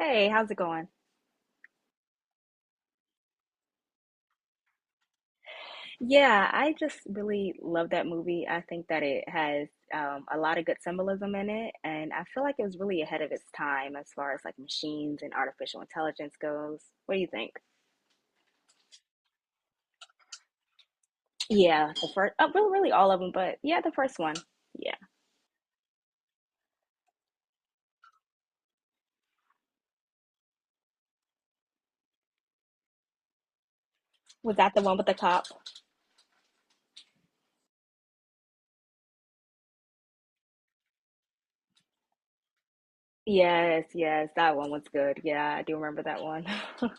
Hey, how's it going? Yeah, I just really love that movie. I think that it has a lot of good symbolism in it, and I feel like it was really ahead of its time as far as like machines and artificial intelligence goes. What do you think? Yeah, the first, really all of them, but yeah, the first one. Yeah. Was that the one with the cop? Yes, yes, that one was good. Yeah, I do remember that one.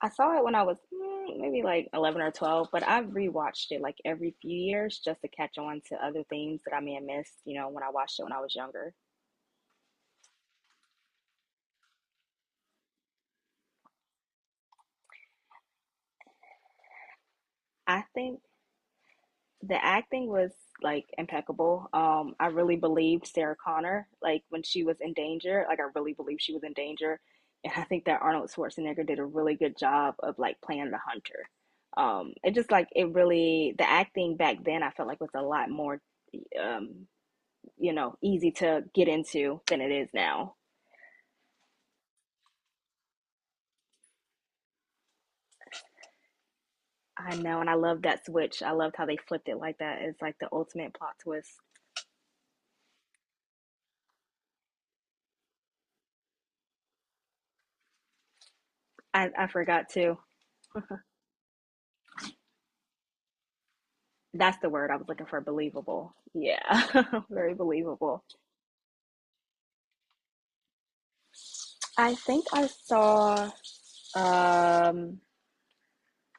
I saw it when I was maybe like 11 or 12, but I've rewatched it like every few years just to catch on to other things that I may have missed, you know, when I watched it when I was younger. I think the acting was like impeccable. I really believed Sarah Connor, like when she was in danger, like I really believed she was in danger. And I think that Arnold Schwarzenegger did a really good job of like playing the hunter. It just like it really the acting back then I felt like was a lot more um you know, easy to get into than it is now. I know, and I love that switch. I loved how they flipped it like that. It's like the ultimate plot twist. I forgot to. That's the word I was looking for. Believable. Yeah, very believable. I think I saw um,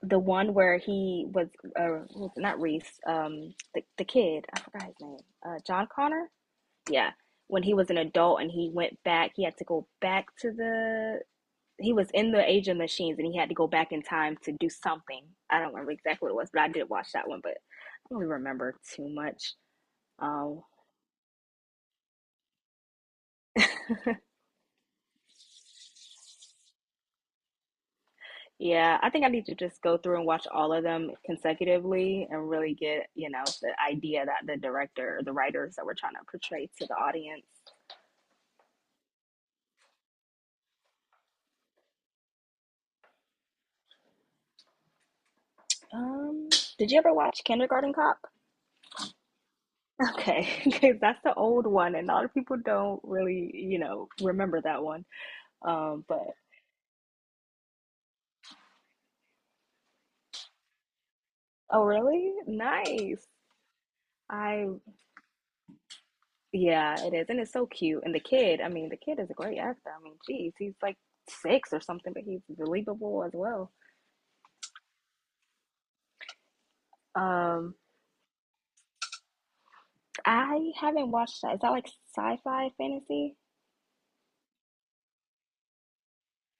the one where he was uh, not Reese, the kid. I forgot his name. John Connor. Yeah, when he was an adult and he went back, he had to go back to the he was in the Age of Machines and he had to go back in time to do something. I don't remember exactly what it was, but I did watch that one, but I don't really remember too much. Um, yeah, I think I need to just go through and watch all of them consecutively and really get, you know, the idea that the director, the writers that we're trying to portray to the audience. Um, did you ever watch Kindergarten Cop? Okay, because that's the old one, and a lot of people don't really, you know, remember that one. But oh, really? Nice. I Yeah, it is. And it's so cute. And the kid, I mean, the kid is a great actor. I mean, geez, he's like six or something, but he's believable as well. Um, I haven't watched that. Is that like sci-fi fantasy?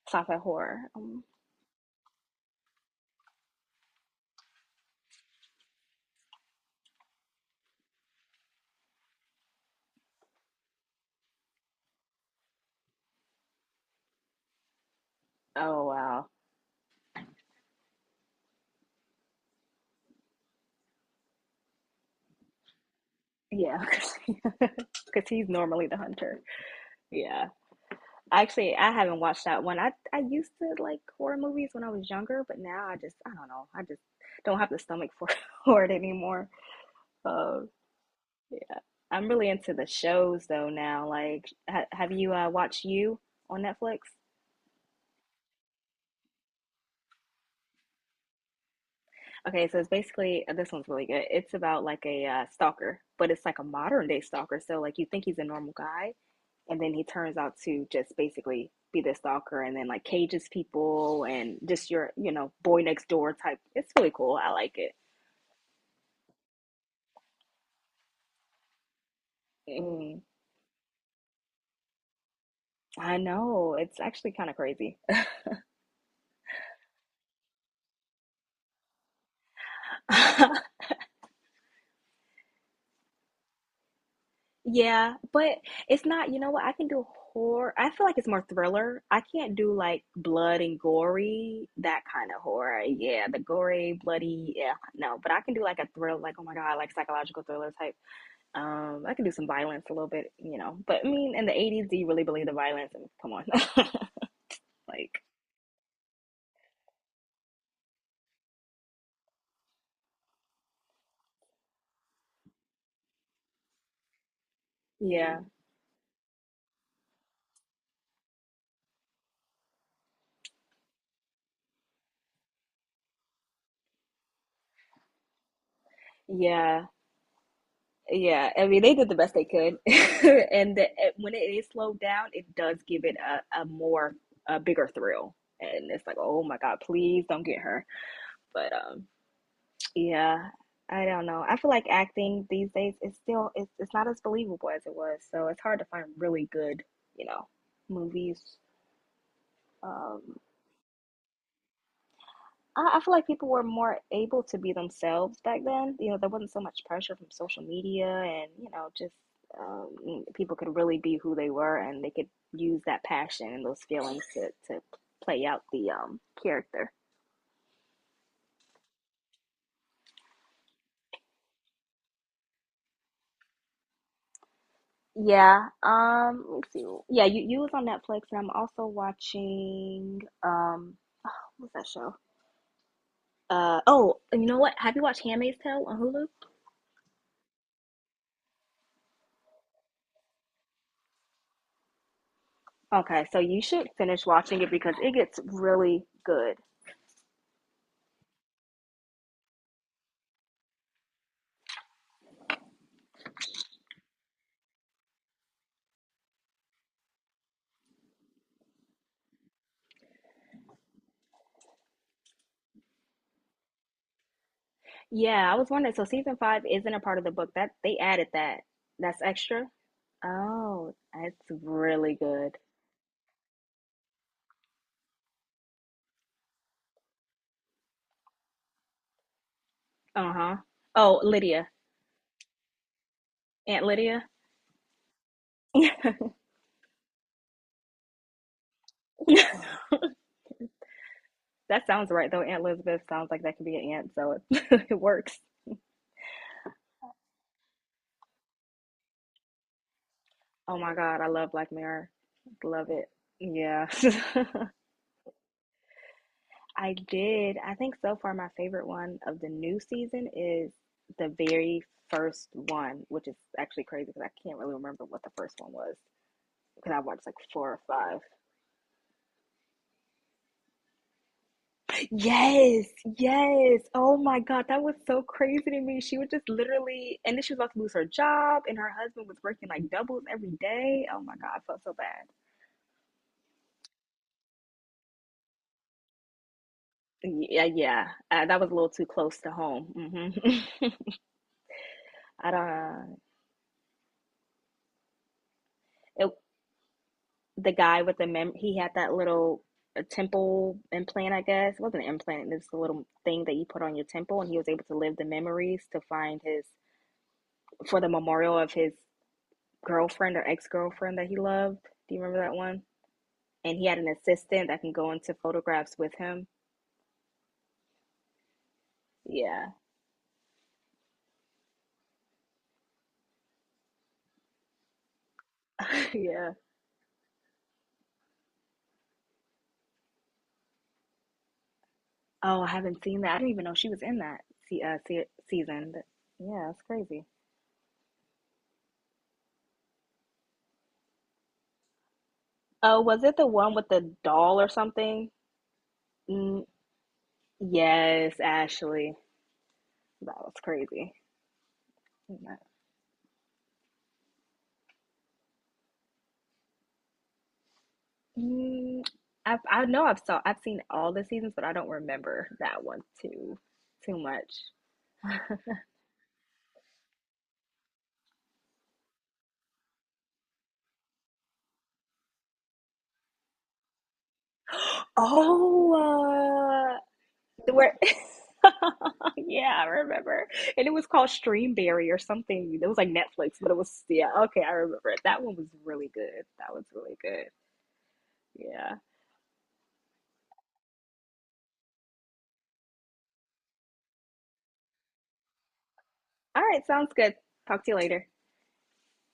Sci-fi horror. Oh wow. Yeah, because he's normally the hunter. Yeah. Actually, I haven't watched that one. I used to like horror movies when I was younger, but now I don't know. I just don't have the stomach for for it anymore. Uh, Yeah. I'm really into the shows though now. Like, ha have you watched You on Netflix? Okay, so it's basically this one's really good. It's about like a stalker, but it's like a modern day stalker. So like you think he's a normal guy, and then he turns out to just basically be the stalker, and then like cages people and just your you know boy next door type. It's really cool. I like it. Mm, I know it's actually kind of crazy. Yeah, but it's not, you know what? I can do horror. I feel like it's more thriller. I can't do like blood and gory, that kind of horror. Yeah, the gory, bloody, yeah, no. But I can do like a thrill, like oh my God, like psychological thriller type. I can do some violence a little bit, you know. But I mean, in the 80s, do you really believe the violence? And come on. Like, yeah, yeah. Yeah, I mean, they did the best they could, and when it is slowed down, it does give it a more a bigger thrill, and it's like, oh my God, please don't get her. But yeah, I don't know. I feel like acting these days is still it's not as believable as it was, so it's hard to find really good, you know, movies. Um, I feel like people were more able to be themselves back then. You know, there wasn't so much pressure from social media, and you know, just people could really be who they were, and they could use that passion and those feelings to play out the character. Yeah. Let's see. Yeah, you was on Netflix, and I'm also watching. What's that show? Oh, and you know what? Have you watched Handmaid's Tale on Hulu? Okay, so you should finish watching it because it gets really good. Yeah, I was wondering. So season five isn't a part of the book. That they added that. That's extra. Oh, that's really good. Uh-huh. Oh, Lydia. Aunt Lydia. That sounds right though. Aunt Elizabeth sounds like that could be an aunt, so it, it works. Oh my God, I love Black Mirror. Love it. Yeah. I did. I think so far my favorite one of the new season is the very first one, which is actually crazy because I can't really remember what the first one was. And I watched like four or five. Yes, yes. Oh my God, that was so crazy to me. She was just literally, and then she was about to lose her job, and her husband was working like doubles every day. Oh my God, I felt so bad. Yeah, yeah, that was a little too close to home. Hmm. I don't. It, the guy with the mem, he had that little temple implant, I guess. It wasn't an implant. It's a little thing that you put on your temple, and he was able to live the memories to find his for the memorial of his girlfriend or ex girlfriend that he loved. Do you remember that one? And he had an assistant that can go into photographs with him. Yeah, yeah. Oh, I haven't seen that. I didn't even know she was in that season. But yeah, that's crazy. Oh, was it the one with the doll or something? Mm, yes, Ashley. That was crazy. Mm, I know I've seen all the seasons, but I don't remember that one too much. Oh, where, yeah, I remember. And it was called Streamberry or something. It was like Netflix, but it was, yeah, okay, I remember it. That one was really good. That was really good. Yeah. All right, sounds good. Talk to you later.